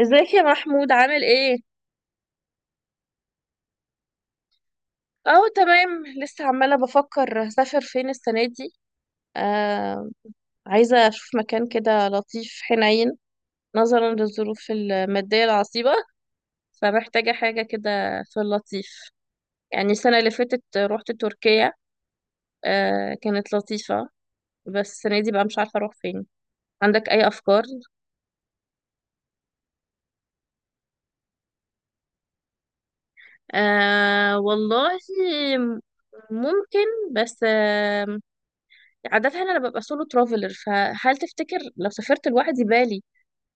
ازيك يا محمود، عامل ايه؟ اه، تمام. لسه عمالة بفكر هسافر فين السنة دي. آه. عايزة اشوف مكان كده لطيف حنين، نظرا للظروف المادية العصيبة، فمحتاجة حاجة كده في اللطيف. يعني السنة اللي فاتت روحت تركيا. آه، كانت لطيفة. بس السنة دي بقى مش عارفة اروح فين. عندك اي افكار؟ آه والله، ممكن. بس عادة أنا ببقى سولو ترافلر، فهل تفتكر لو سافرت لوحدي بالي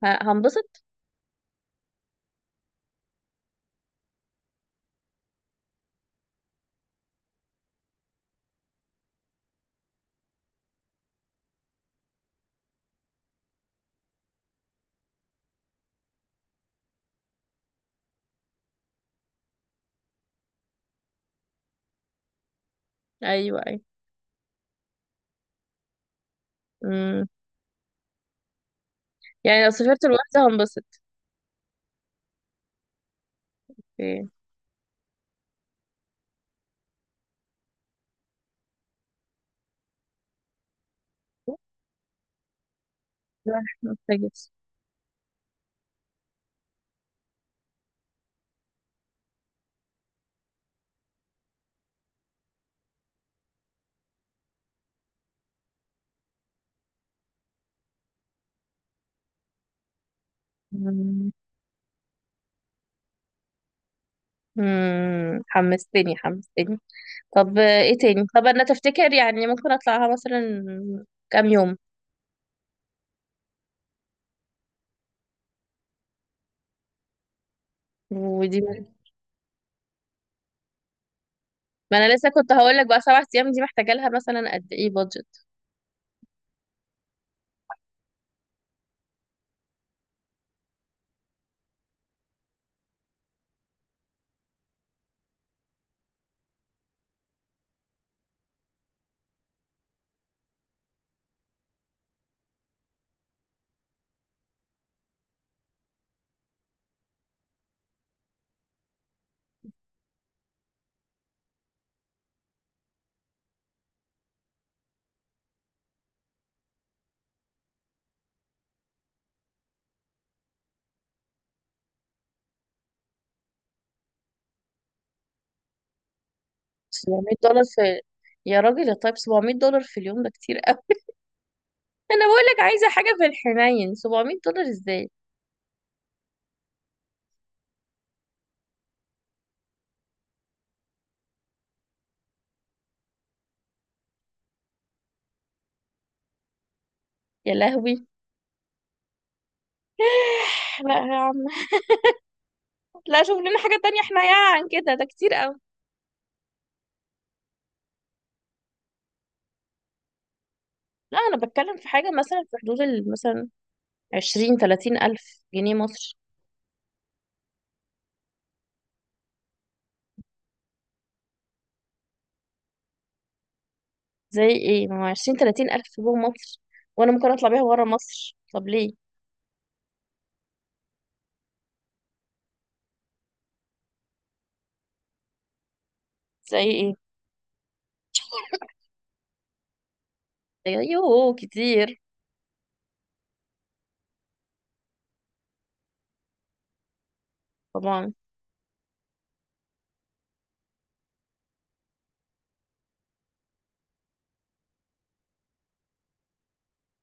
هنبسط؟ أيوه، أيوه. مم. يعني لو سافرت لوحدي هنبسط. اوكي. لا، مم. مم، حمستني حمستني. طب، ايه تاني؟ طب أنا تفتكر يعني ممكن أطلعها مثلا كام يوم؟ ودي. ما أنا لسه كنت هقول لك، بقى 7 أيام دي محتاجة لها مثلا قد إيه بادجت؟ $700 في... يا راجل يا طيب، $700 في اليوم ده كتير. انا بقولك عايزه حاجه في الحنين، $700 ازاي؟ يا لهوي. لا يا عم. لا، شوف لنا حاجه تانية حنينه عن كده، ده كتير قوي. لا، انا بتكلم في حاجه مثلا في حدود مثلا 20 30 الف جنيه مصر. زي ايه؟ ما هو 20 30 الف جوه مصر وانا ممكن اطلع بيها بره مصر، طب ليه؟ زي ايه؟ ايوه، كتير. طبعا.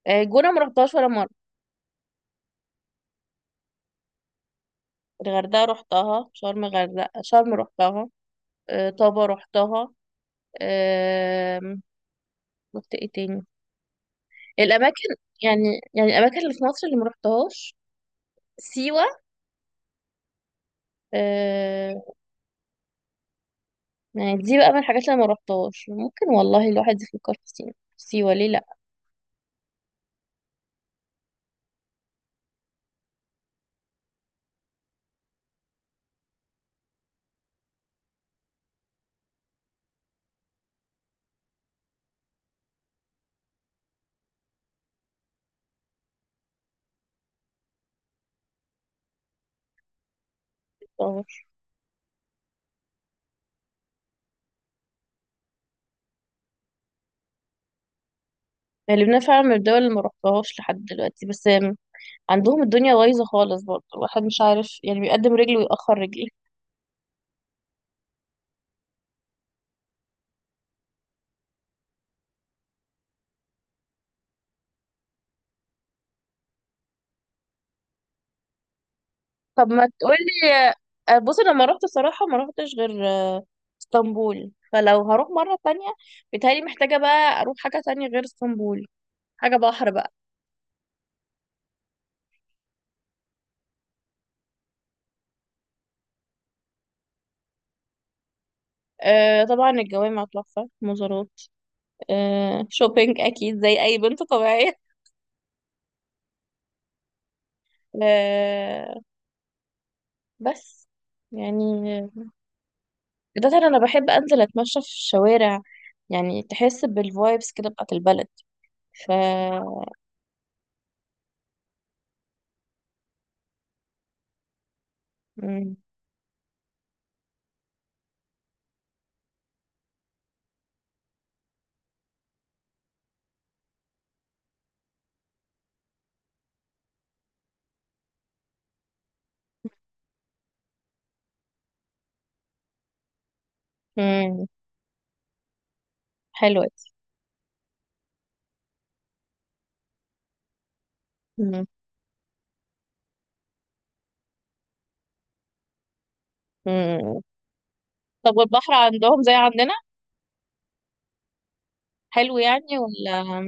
جونه ما رحتهاش ولا مره. الغردقه رحتها، شرم غردقه شرم رحتها. طابا رحتها. آم، رحت ايه تاني؟ الاماكن. يعني الاماكن اللي في مصر اللي ما رحتهاش، سيوه. آه. يعني دي بقى من الحاجات اللي ما رحتهاش. ممكن والله الواحد يفكر في سيوه، سيوه ليه لا. رحتهاش. يعني لبنان فعلا من الدول اللي ما رحتهاش لحد دلوقتي، بس عندهم الدنيا بايظه خالص، برضه الواحد مش عارف يعني بيقدم رجل ويأخر رجل. طب ما تقولي. بصي، لما رحت صراحه ما رحتش غير اسطنبول. فلو هروح مره تانية، بيتهيألي محتاجه بقى اروح حاجه تانية غير اسطنبول، حاجه بحر بقى. آه طبعا، الجوامع تحفة، مزارات. آه، شوبينج أكيد زي أي بنت طبيعية. آه، بس يعني، آه، ده ترى أنا بحب أنزل أتمشى في الشوارع. يعني تحس بالفايبس كده بتاعت البلد. ف مم. مم. حلوة دي. مم. مم. طب والبحر عندهم زي عندنا؟ حلو يعني ولا؟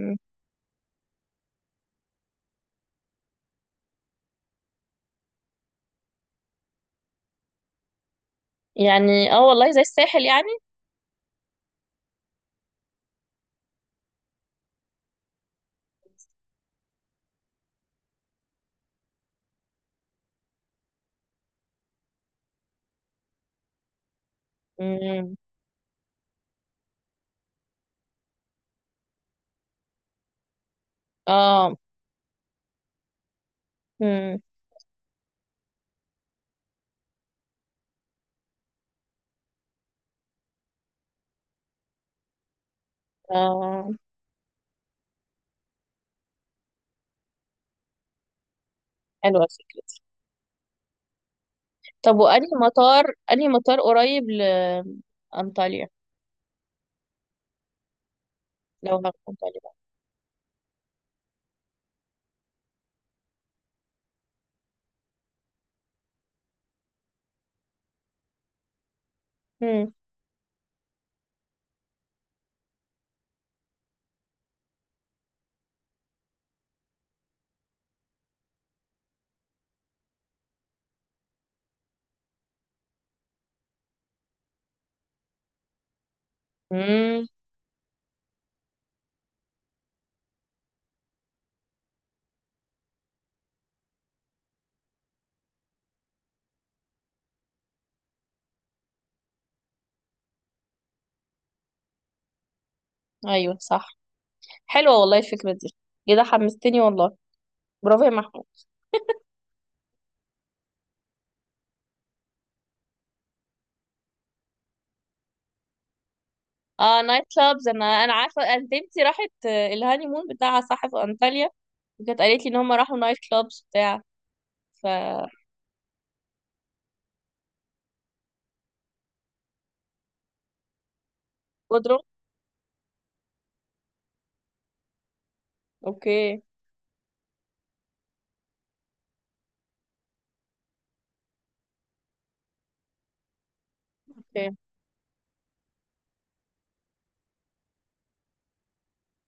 يعني اه والله زي الساحل يعني. مم. اه. مم. اه، حلوة الفكرة. طب وأنهي مطار، أنهي مطار قريب لأنطاليا لو هروح أنطاليا بقى؟ مم. مم. أيوه، صح. حلوة والله الفكرة دي، كده حمستني والله. برافو يا محمود. اه، نايت كلابز، انا عارفه انت بنتي راحت الهاني مون بتاعها صح في انطاليا، وكانت قالت لي ان هم راحوا نايت كلابز بتاع... ف قدروا. اوكي. اوكي.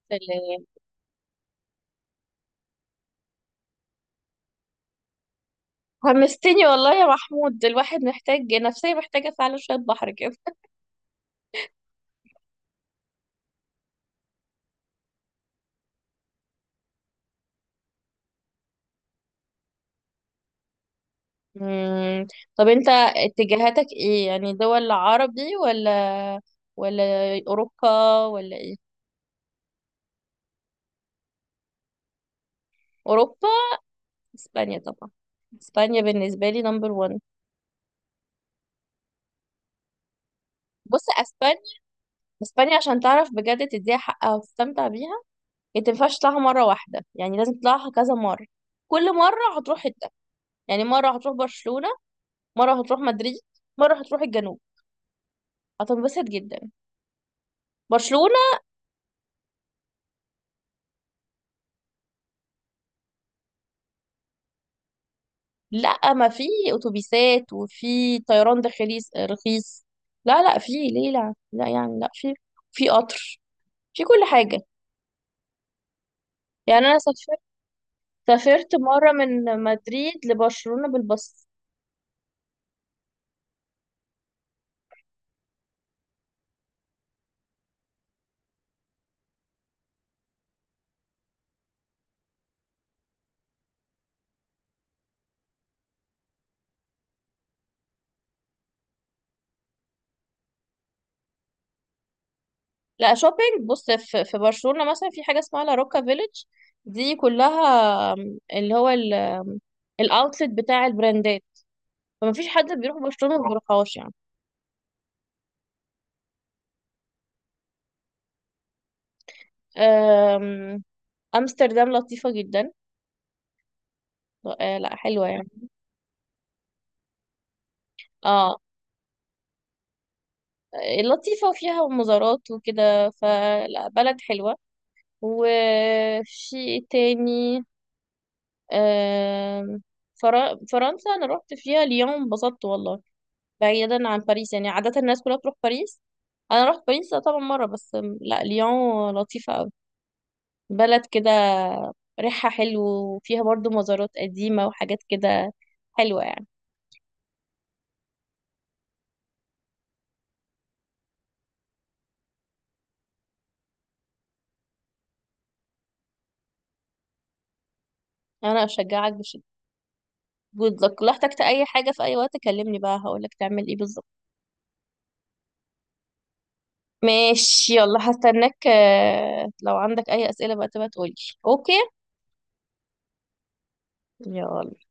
سلام. حمستني والله يا محمود، الواحد محتاج نفسية، محتاجة فعلا شوية بحر كده. مم. طب انت اتجاهاتك ايه، يعني دول عربي ولا ولا اوروبا ولا ايه؟ اوروبا. اسبانيا طبعا، اسبانيا بالنسبه لي نمبر 1. بص، اسبانيا اسبانيا عشان تعرف بجد تديها حقها وتستمتع بيها. انت مينفعش تطلعها مره واحده، يعني لازم تطلعها كذا مره. كل مره هتروح حته، يعني مره هتروح برشلونه، مره هتروح مدريد، مره هتروح الجنوب. هتنبسط جدا. برشلونه. لا، ما في اتوبيسات وفي طيران داخلي رخيص. لا لا، في ليه، لا لا يعني، لا، في في قطر، في كل حاجة. يعني انا سافرت مرة من مدريد لبرشلونة بالباص. لا، شوبينج بص، في برشلونة مثلا في حاجة اسمها لا روكا فيليج، دي كلها اللي هو الاوتلت بتاع البراندات. فما فيش حد بيروح برشلونة ما بيروحهاش يعني. آم، امستردام لطيفة جدا. لا حلوة يعني. اه، لطيفة وفيها مزارات وكده، فلا بلد حلوة. وفي إيه تاني؟ آم، فرنسا أنا روحت فيها ليون انبسطت والله، بعيدا عن باريس يعني عادة الناس كلها بتروح باريس، أنا روحت باريس طبعا مرة. بس لا، ليون لطيفة أوي، بلد كده ريحها حلو وفيها برضو مزارات قديمة وحاجات كده حلوة يعني. أنا أشجعك بشدة. good luck، لو احتجت أي حاجة في أي وقت كلمني بقى هقولك تعمل إيه بالظبط. ماشي. يلا، هستناك، لو عندك اي اسئلة بقى تبقى تقولي. اوكي. يلا.